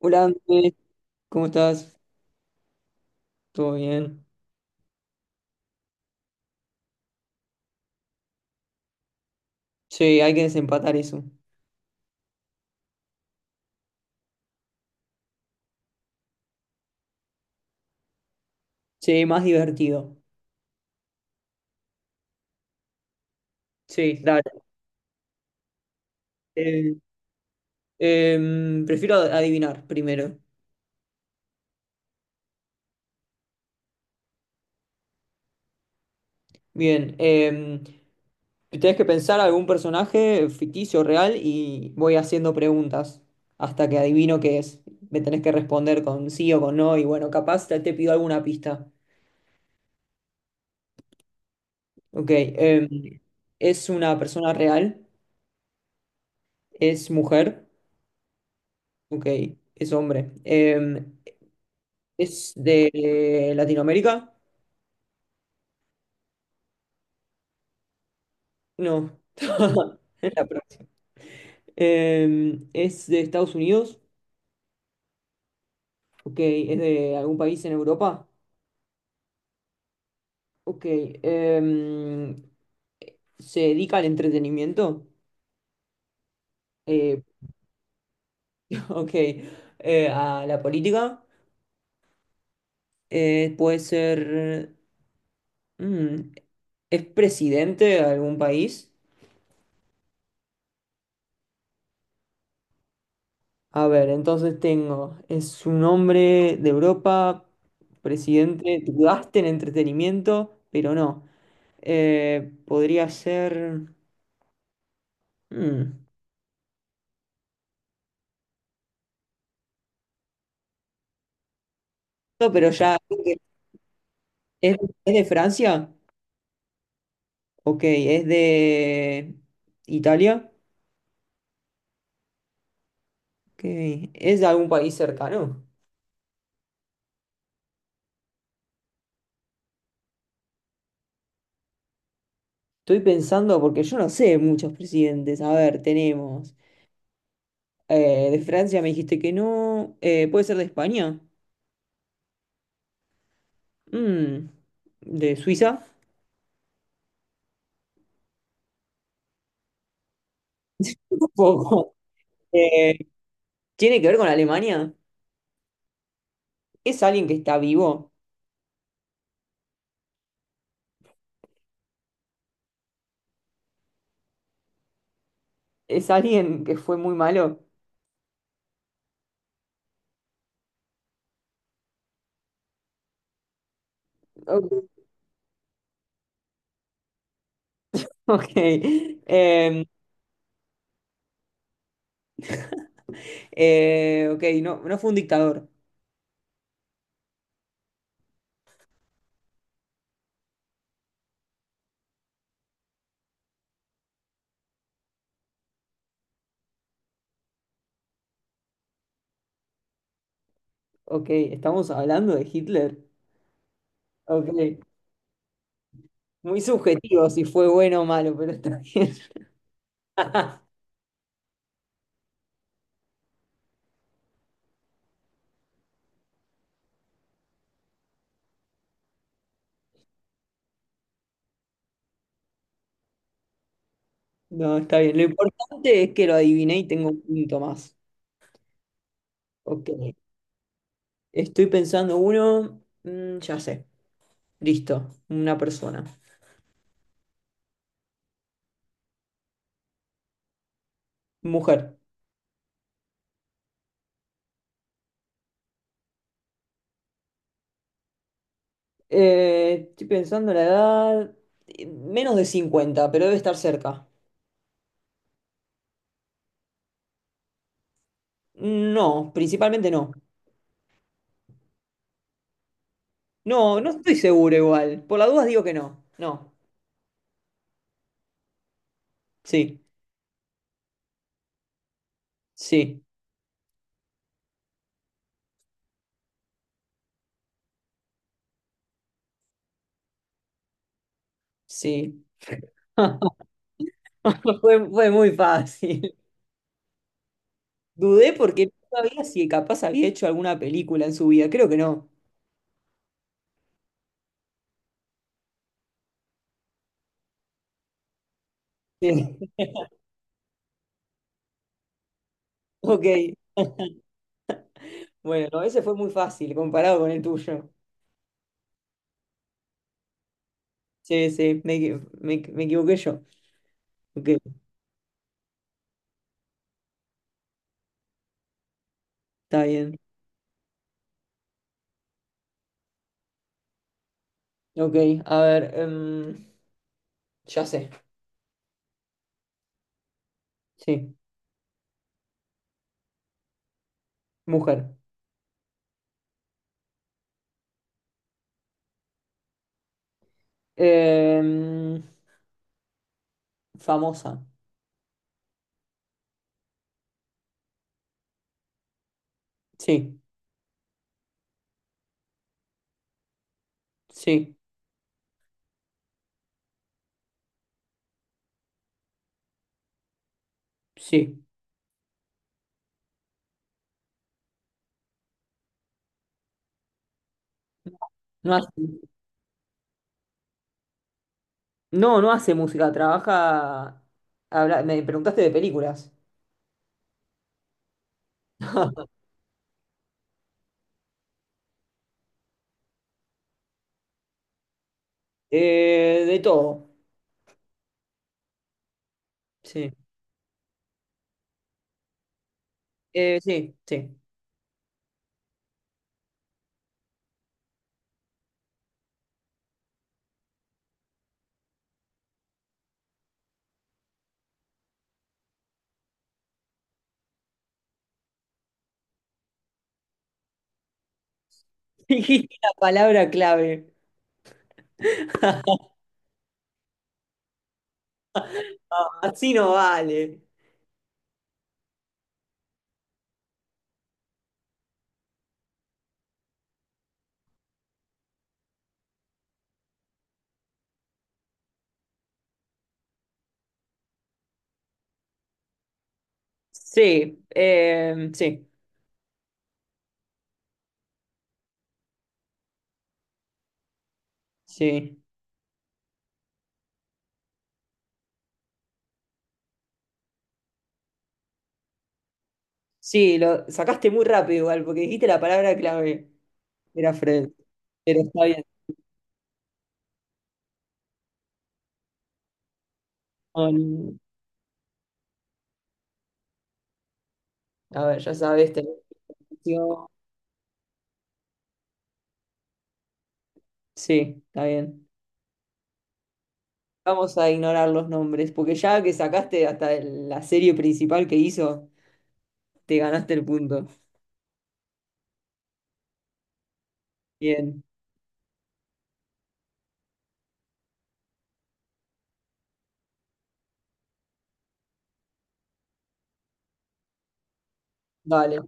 Hola, Andrés, ¿cómo estás? ¿Todo bien? Sí, hay que desempatar eso. Sí, más divertido. Sí, dale. Eh, Prefiero adivinar primero. Bien, tenés que pensar algún personaje ficticio, real, y voy haciendo preguntas hasta que adivino qué es. Me tenés que responder con sí o con no, y bueno, capaz te pido alguna pista. Ok, ¿es una persona real? ¿Es mujer? Ok, es hombre. ¿Es de Latinoamérica? No. Es la próxima. ¿Es de Estados Unidos? Ok. ¿Es de algún país en Europa? Ok. Em, ¿Se dedica al entretenimiento? Eh, ok. ¿A la política? ¿Puede ser... mm, ¿es presidente de algún país? A ver, entonces tengo, es un hombre de Europa, presidente, dudaste en entretenimiento, pero no. Podría ser... mm, no, pero ya... ¿Es, ¿es de Francia? Ok, ¿es de Italia? Ok, ¿es de algún país cercano? Estoy pensando, porque yo no sé muchos presidentes. A ver, tenemos... de Francia me dijiste que no. ¿Puede ser de España? Mm, ¿de Suiza? Un poco. Eh, ¿Tiene que ver con Alemania? ¿Es alguien que está vivo? ¿Es alguien que fue muy malo? Ok. ok. Ok, no, no fue un dictador. Ok, estamos hablando de Hitler. Ok, muy subjetivo si fue bueno o malo, pero está bien. No, está bien. Lo importante es que lo adiviné y tengo un punto más. Ok, estoy pensando uno. Ya sé. Listo, una persona. Mujer. Estoy pensando en la edad. Menos de 50 pero debe estar cerca. No, principalmente no. No, no estoy seguro igual. Por las dudas digo que no. No. Sí, sí, sí. Fue muy fácil. Dudé porque no sabía si capaz había hecho alguna película en su vida. Creo que no. Sí. Ok. Bueno, no, ese fue muy fácil comparado con el tuyo. Sí, sí, me equivoqué yo. Ok, está bien. Ok, a ver, ya sé, sí, mujer. Em, famosa, sí, sí, sí. No hace, no, no hace música, trabaja... me preguntaste de películas. De todo, sí. Sí, sí. Dijiste la palabra clave. Así no vale. Sí, sí, sí. Sí, lo sacaste muy rápido igual, porque dijiste la palabra clave. Era Fred. Pero está bien. Um, a ver, ya sabes, tenés información. Sí, está bien. Vamos a ignorar los nombres, porque ya que sacaste hasta la serie principal que hizo, te ganaste el punto. Bien, vale.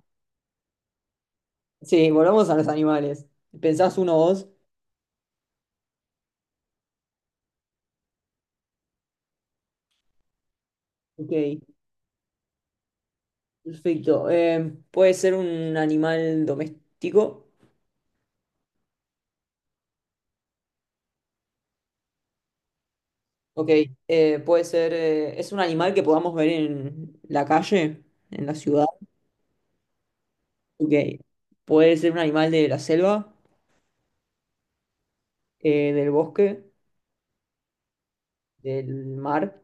Sí, volvamos a los animales. ¿Pensás uno vos? Ok, perfecto. ¿Puede ser un animal doméstico? Ok, puede ser, es un animal que podamos ver en la calle, en la ciudad. Ok, puede ser un animal de la selva, del bosque, del mar.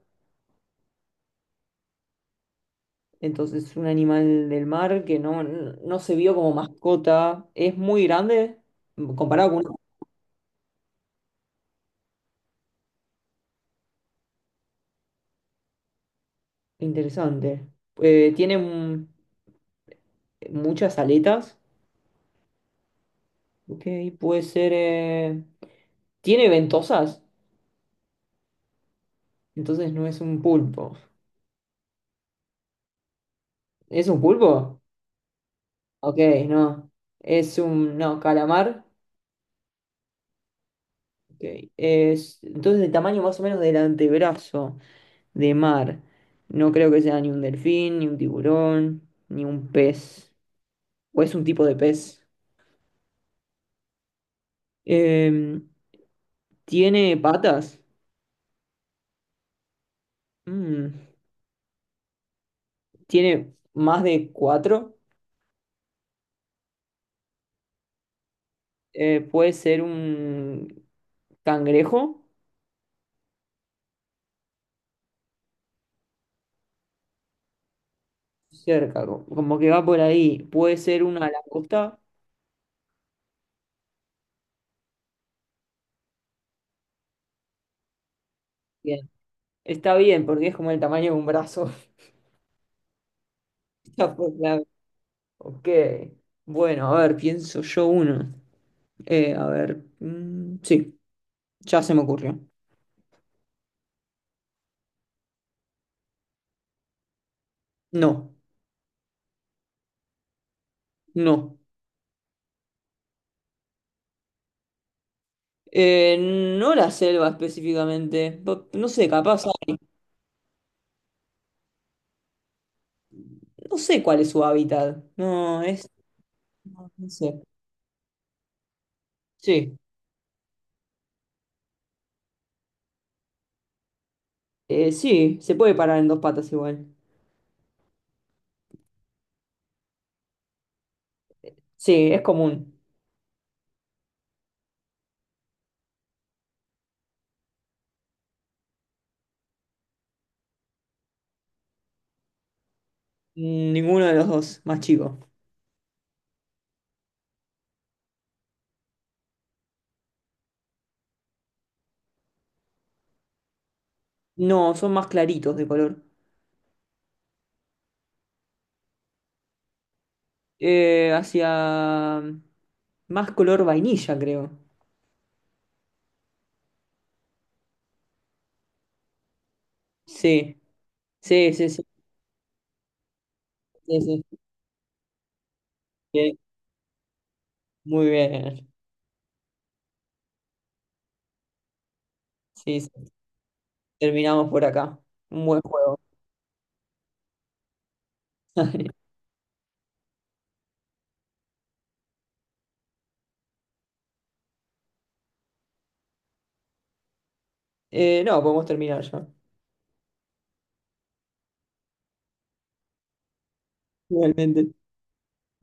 Entonces, un animal del mar que no se vio como mascota. Es muy grande comparado con... una. Interesante. Tiene muchas aletas. Ok, puede ser... tiene ventosas. Entonces no es un pulpo. ¿Es un pulpo? Ok, no. Es un. No, calamar. Ok, es, entonces, el tamaño más o menos del antebrazo de mar. No creo que sea ni un delfín, ni un tiburón, ni un pez. O es un tipo de pez. Em, ¿Tiene patas? Mm, ¿tiene más de cuatro? ¿Puede ser un cangrejo? Cerca, como que va por ahí. ¿Puede ser una langosta? Bien. Está bien, porque es como el tamaño de un brazo. Ya fue clave. Ok. Bueno, a ver, pienso yo uno. A ver. Sí, ya se me ocurrió. No, no. Eh, no la selva específicamente. No sé, capaz no sé cuál es su hábitat. No, es. No, no sé. Sí. Sí, se puede parar en dos patas igual. Sí, es común. Ninguno de los dos, más chico. No, son más claritos de color. Hacia más color vainilla, creo. Sí, sí, sí, sí, sí, sí. Bien, muy bien. Sí, sí. Terminamos por acá. Un buen juego. No, podemos terminar ya. Realmente.